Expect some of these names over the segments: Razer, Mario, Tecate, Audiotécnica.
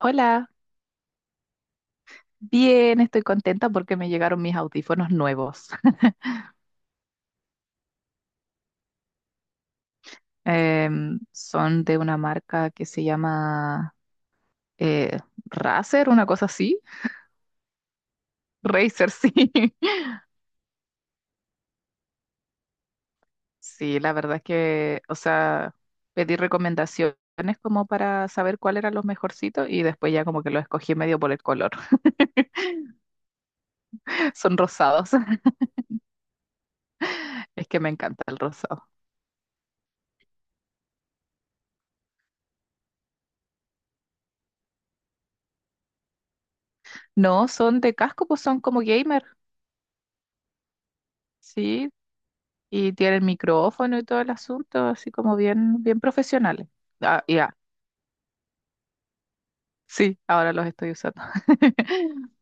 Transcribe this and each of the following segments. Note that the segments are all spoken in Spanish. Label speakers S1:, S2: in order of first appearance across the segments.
S1: Hola, bien, estoy contenta porque me llegaron mis audífonos nuevos. Son de una marca que se llama eh, Razer, una cosa así. Razer, sí. Sí, la verdad es que, o sea, pedí recomendaciones como para saber cuál eran los mejorcitos y después ya como que los escogí medio por el color. Son rosados, es que me encanta el rosado. No, son de casco, pues son como gamer. Sí, y tienen micrófono y todo el asunto, así como bien profesionales. Ah, ya, sí, ahora los estoy usando.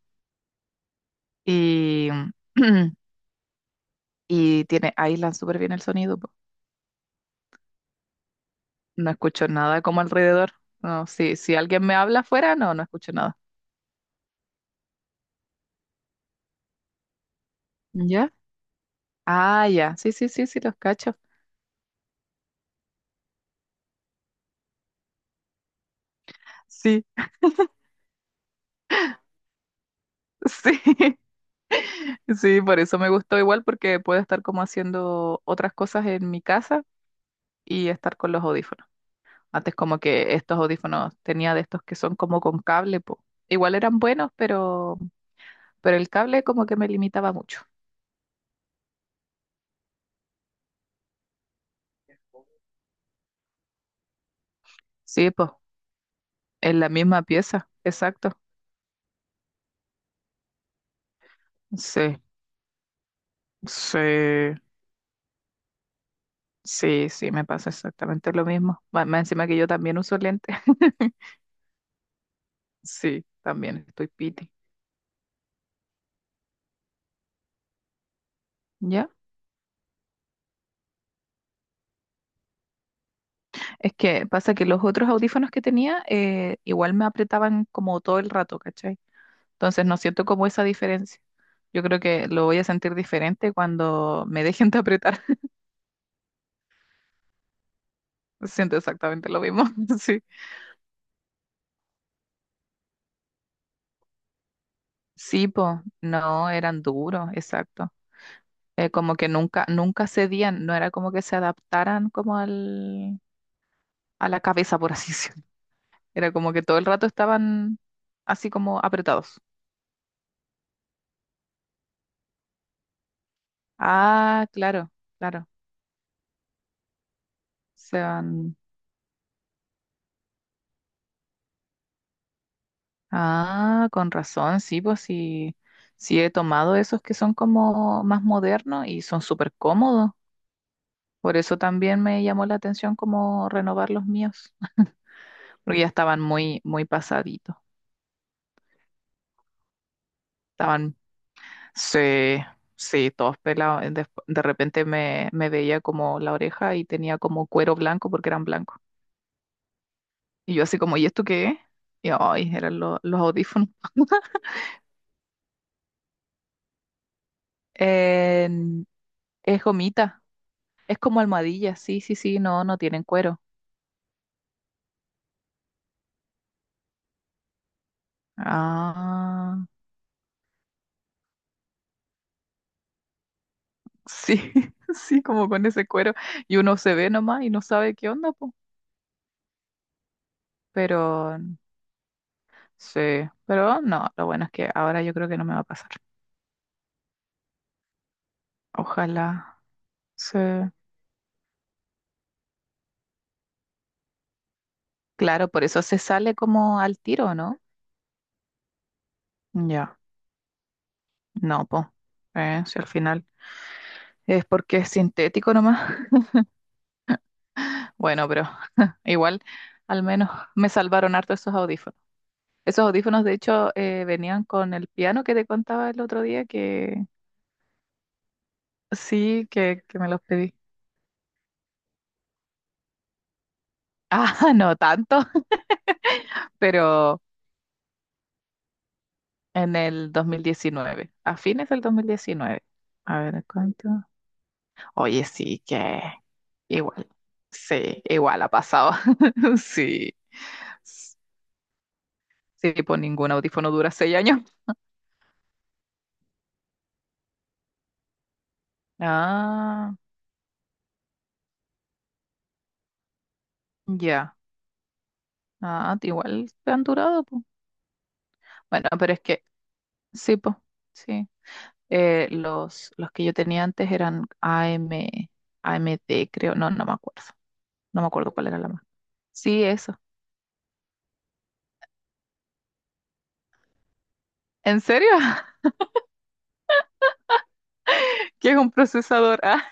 S1: Y, y tiene, aíslan súper bien el sonido, po. No escucho nada como alrededor. No, si alguien me habla afuera, no escucho nada. ¿Ya? Ah, ya, sí, sí, sí, sí, los cacho. Sí, sí, sí, por eso me gustó igual, porque puedo estar como haciendo otras cosas en mi casa y estar con los audífonos. Antes como que estos audífonos tenía de estos que son como con cable, po. Igual eran buenos, pero el cable como que me limitaba mucho. Sí, pues, en la misma pieza, exacto. Sí, sí, sí, sí, me pasa exactamente lo mismo. Más encima que yo también uso lentes. Sí, también estoy piti. ¿Ya? Es que pasa que los otros audífonos que tenía igual me apretaban como todo el rato, ¿cachai? Entonces no siento como esa diferencia. Yo creo que lo voy a sentir diferente cuando me dejen de apretar. Siento exactamente lo mismo. Sí. Sí, po, no, eran duros, exacto. Como que nunca cedían, no era como que se adaptaran como a la cabeza, por así decirlo. Era como que todo el rato estaban así como apretados. Ah, claro, claro, se van. Ah, con razón, sí, pues sí, sí he tomado esos que son como más modernos y son súper cómodos. Por eso también me llamó la atención como renovar los míos, porque ya estaban muy pasaditos. Estaban, sí, sí, todos pelados. De repente me veía como la oreja y tenía como cuero blanco porque eran blancos. Y yo así como, ¿y esto qué es? Y ay, los audífonos. En- es gomita, es como almohadilla, sí, sí, sí, no, no tienen cuero. Ah, sí, sí, como con ese cuero. Y uno se ve nomás y no sabe qué onda, po. Pero sí, pero no, lo bueno es que ahora yo creo que no me va a pasar. Ojalá. Sí. Claro, por eso se sale como al tiro, ¿no? Ya, no, po. Si al final es porque es sintético nomás. Bueno, pero igual, al menos me salvaron harto esos audífonos. Esos audífonos, de hecho, venían con el piano que te contaba el otro día que sí, que me los pedí. Ah, no tanto, pero en el 2019, a fines del 2019. A ver cuánto. Oye, sí, que igual. Sí, igual ha pasado. Sí. Sí, pues ningún audífono dura 6 años. Ah, ya. Ah, igual han durado, pues. Bueno, pero es que, sí, pues, sí. Los que yo tenía antes eran AM, AMD, creo, no, no me acuerdo. No me acuerdo cuál era la más. Sí, eso. ¿En serio? ¿Qué es un procesador? Ah,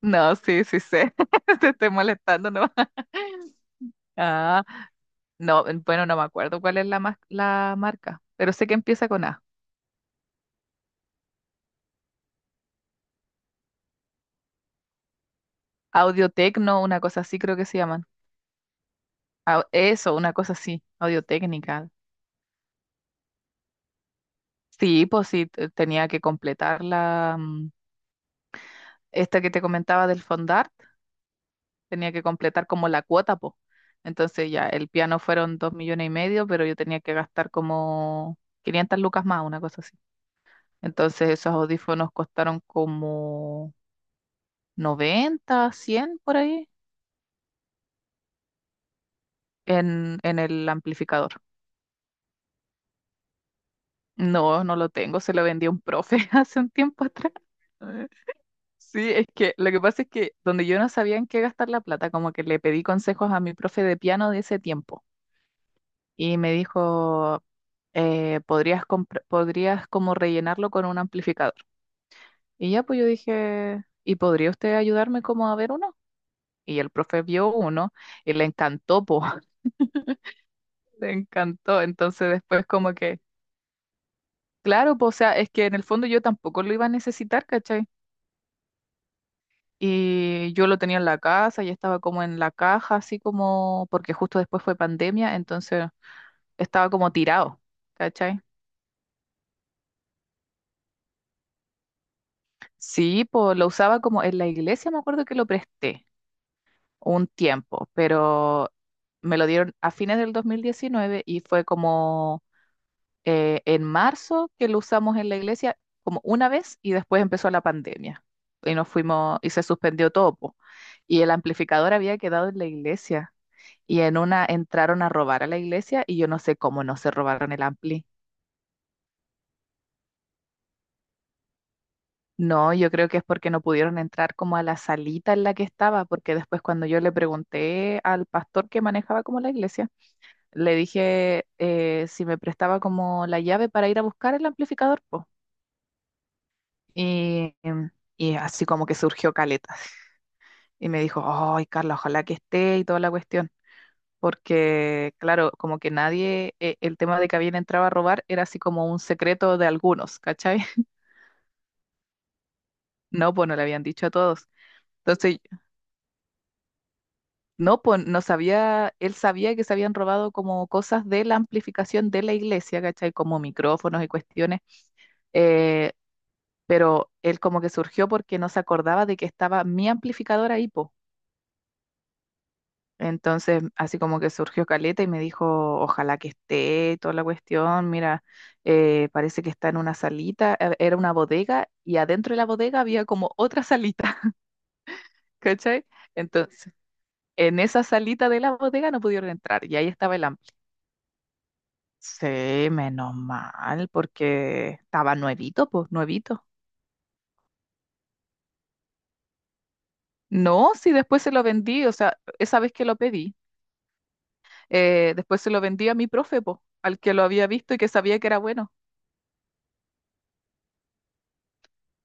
S1: no, sí, sí sé. Te estoy molestando, ¿no? Ah, no, bueno, no me acuerdo cuál es la, la marca, pero sé que empieza con A. Audiotecno, una cosa así creo que se llaman. Eso, una cosa así, Audiotécnica. Sí, pues sí, tenía que completar la, esta que te comentaba del fondar, tenía que completar como la cuota, po. Entonces ya, el piano fueron 2,5 millones, pero yo tenía que gastar como 500 lucas más, una cosa así. Entonces esos audífonos costaron como 90, 100 por ahí en el amplificador. No, no lo tengo, se lo vendí a un profe hace un tiempo atrás. Eh, Sí, es que lo que pasa es que donde yo no sabía en qué gastar la plata, como que le pedí consejos a mi profe de piano de ese tiempo. Y me dijo, podrías como rellenarlo con un amplificador. Y ya pues yo dije, ¿y podría usted ayudarme como a ver uno? Y el profe vio uno y le encantó, po, le encantó. Entonces después como que, claro, pues o sea, es que en el fondo yo tampoco lo iba a necesitar, ¿cachai? Y yo lo tenía en la casa, ya estaba como en la caja, así como, porque justo después fue pandemia, entonces estaba como tirado, ¿cachai? Sí, pues lo usaba como en la iglesia, me acuerdo que lo presté un tiempo, pero me lo dieron a fines del 2019 y fue como en marzo que lo usamos en la iglesia como una vez y después empezó la pandemia y nos fuimos y se suspendió todo, po. Y el amplificador había quedado en la iglesia y en una entraron a robar a la iglesia y yo no sé cómo no se robaron el ampli. No, yo creo que es porque no pudieron entrar como a la salita en la que estaba, porque después cuando yo le pregunté al pastor que manejaba como la iglesia, le dije si me prestaba como la llave para ir a buscar el amplificador, po. Y, y así como que surgió caleta. Y me dijo, ay, Carla, ojalá que esté y toda la cuestión. Porque, claro, como que nadie, el tema de que habían entrado a robar era así como un secreto de algunos, ¿cachai? No, pues no le habían dicho a todos. Entonces no, pues no sabía, él sabía que se habían robado como cosas de la amplificación de la iglesia, ¿cachai? Como micrófonos y cuestiones, eh, pero él como que surgió porque no se acordaba de que estaba mi amplificador ahí, po. Entonces, así como que surgió Caleta y me dijo, ojalá que esté toda la cuestión, mira, parece que está en una salita, era una bodega y adentro de la bodega había como otra salita, ¿cachai? Entonces, en esa salita de la bodega no pudieron entrar y ahí estaba el sí, menos mal, porque estaba nuevito, pues, nuevito. No, sí, después se lo vendí, o sea, esa vez que lo pedí, después se lo vendí a mi profe, pues, al que lo había visto y que sabía que era bueno.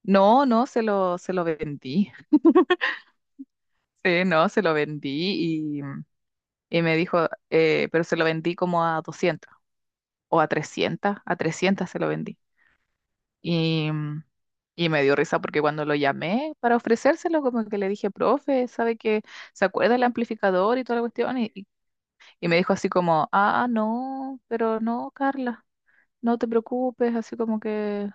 S1: No, no, se lo vendí. Sí, no, se lo vendí y me dijo, pero se lo vendí como a 200 o a 300, a 300 se lo vendí. Y y me dio risa porque cuando lo llamé para ofrecérselo, como que le dije, profe, ¿sabe que se acuerda el amplificador y toda la cuestión? Y me dijo así como, ah, no, pero no, Carla, no te preocupes, así como que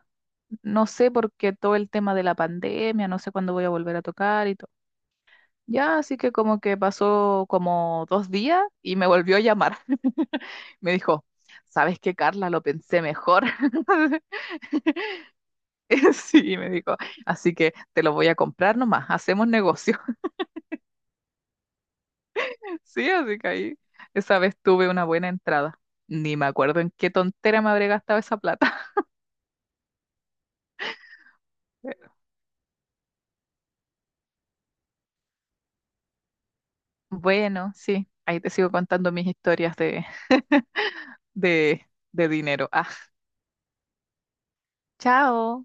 S1: no sé porque todo el tema de la pandemia, no sé cuándo voy a volver a tocar y todo. Ya, así que como que pasó como 2 días y me volvió a llamar. Me dijo, ¿sabes qué, Carla? Lo pensé mejor. Sí, me dijo, así que te lo voy a comprar nomás, hacemos negocio. Sí, así que ahí esa vez tuve una buena entrada. Ni me acuerdo en qué tontera me habré gastado esa plata. Bueno, sí, ahí te sigo contando mis historias de, de dinero. Ah, chao.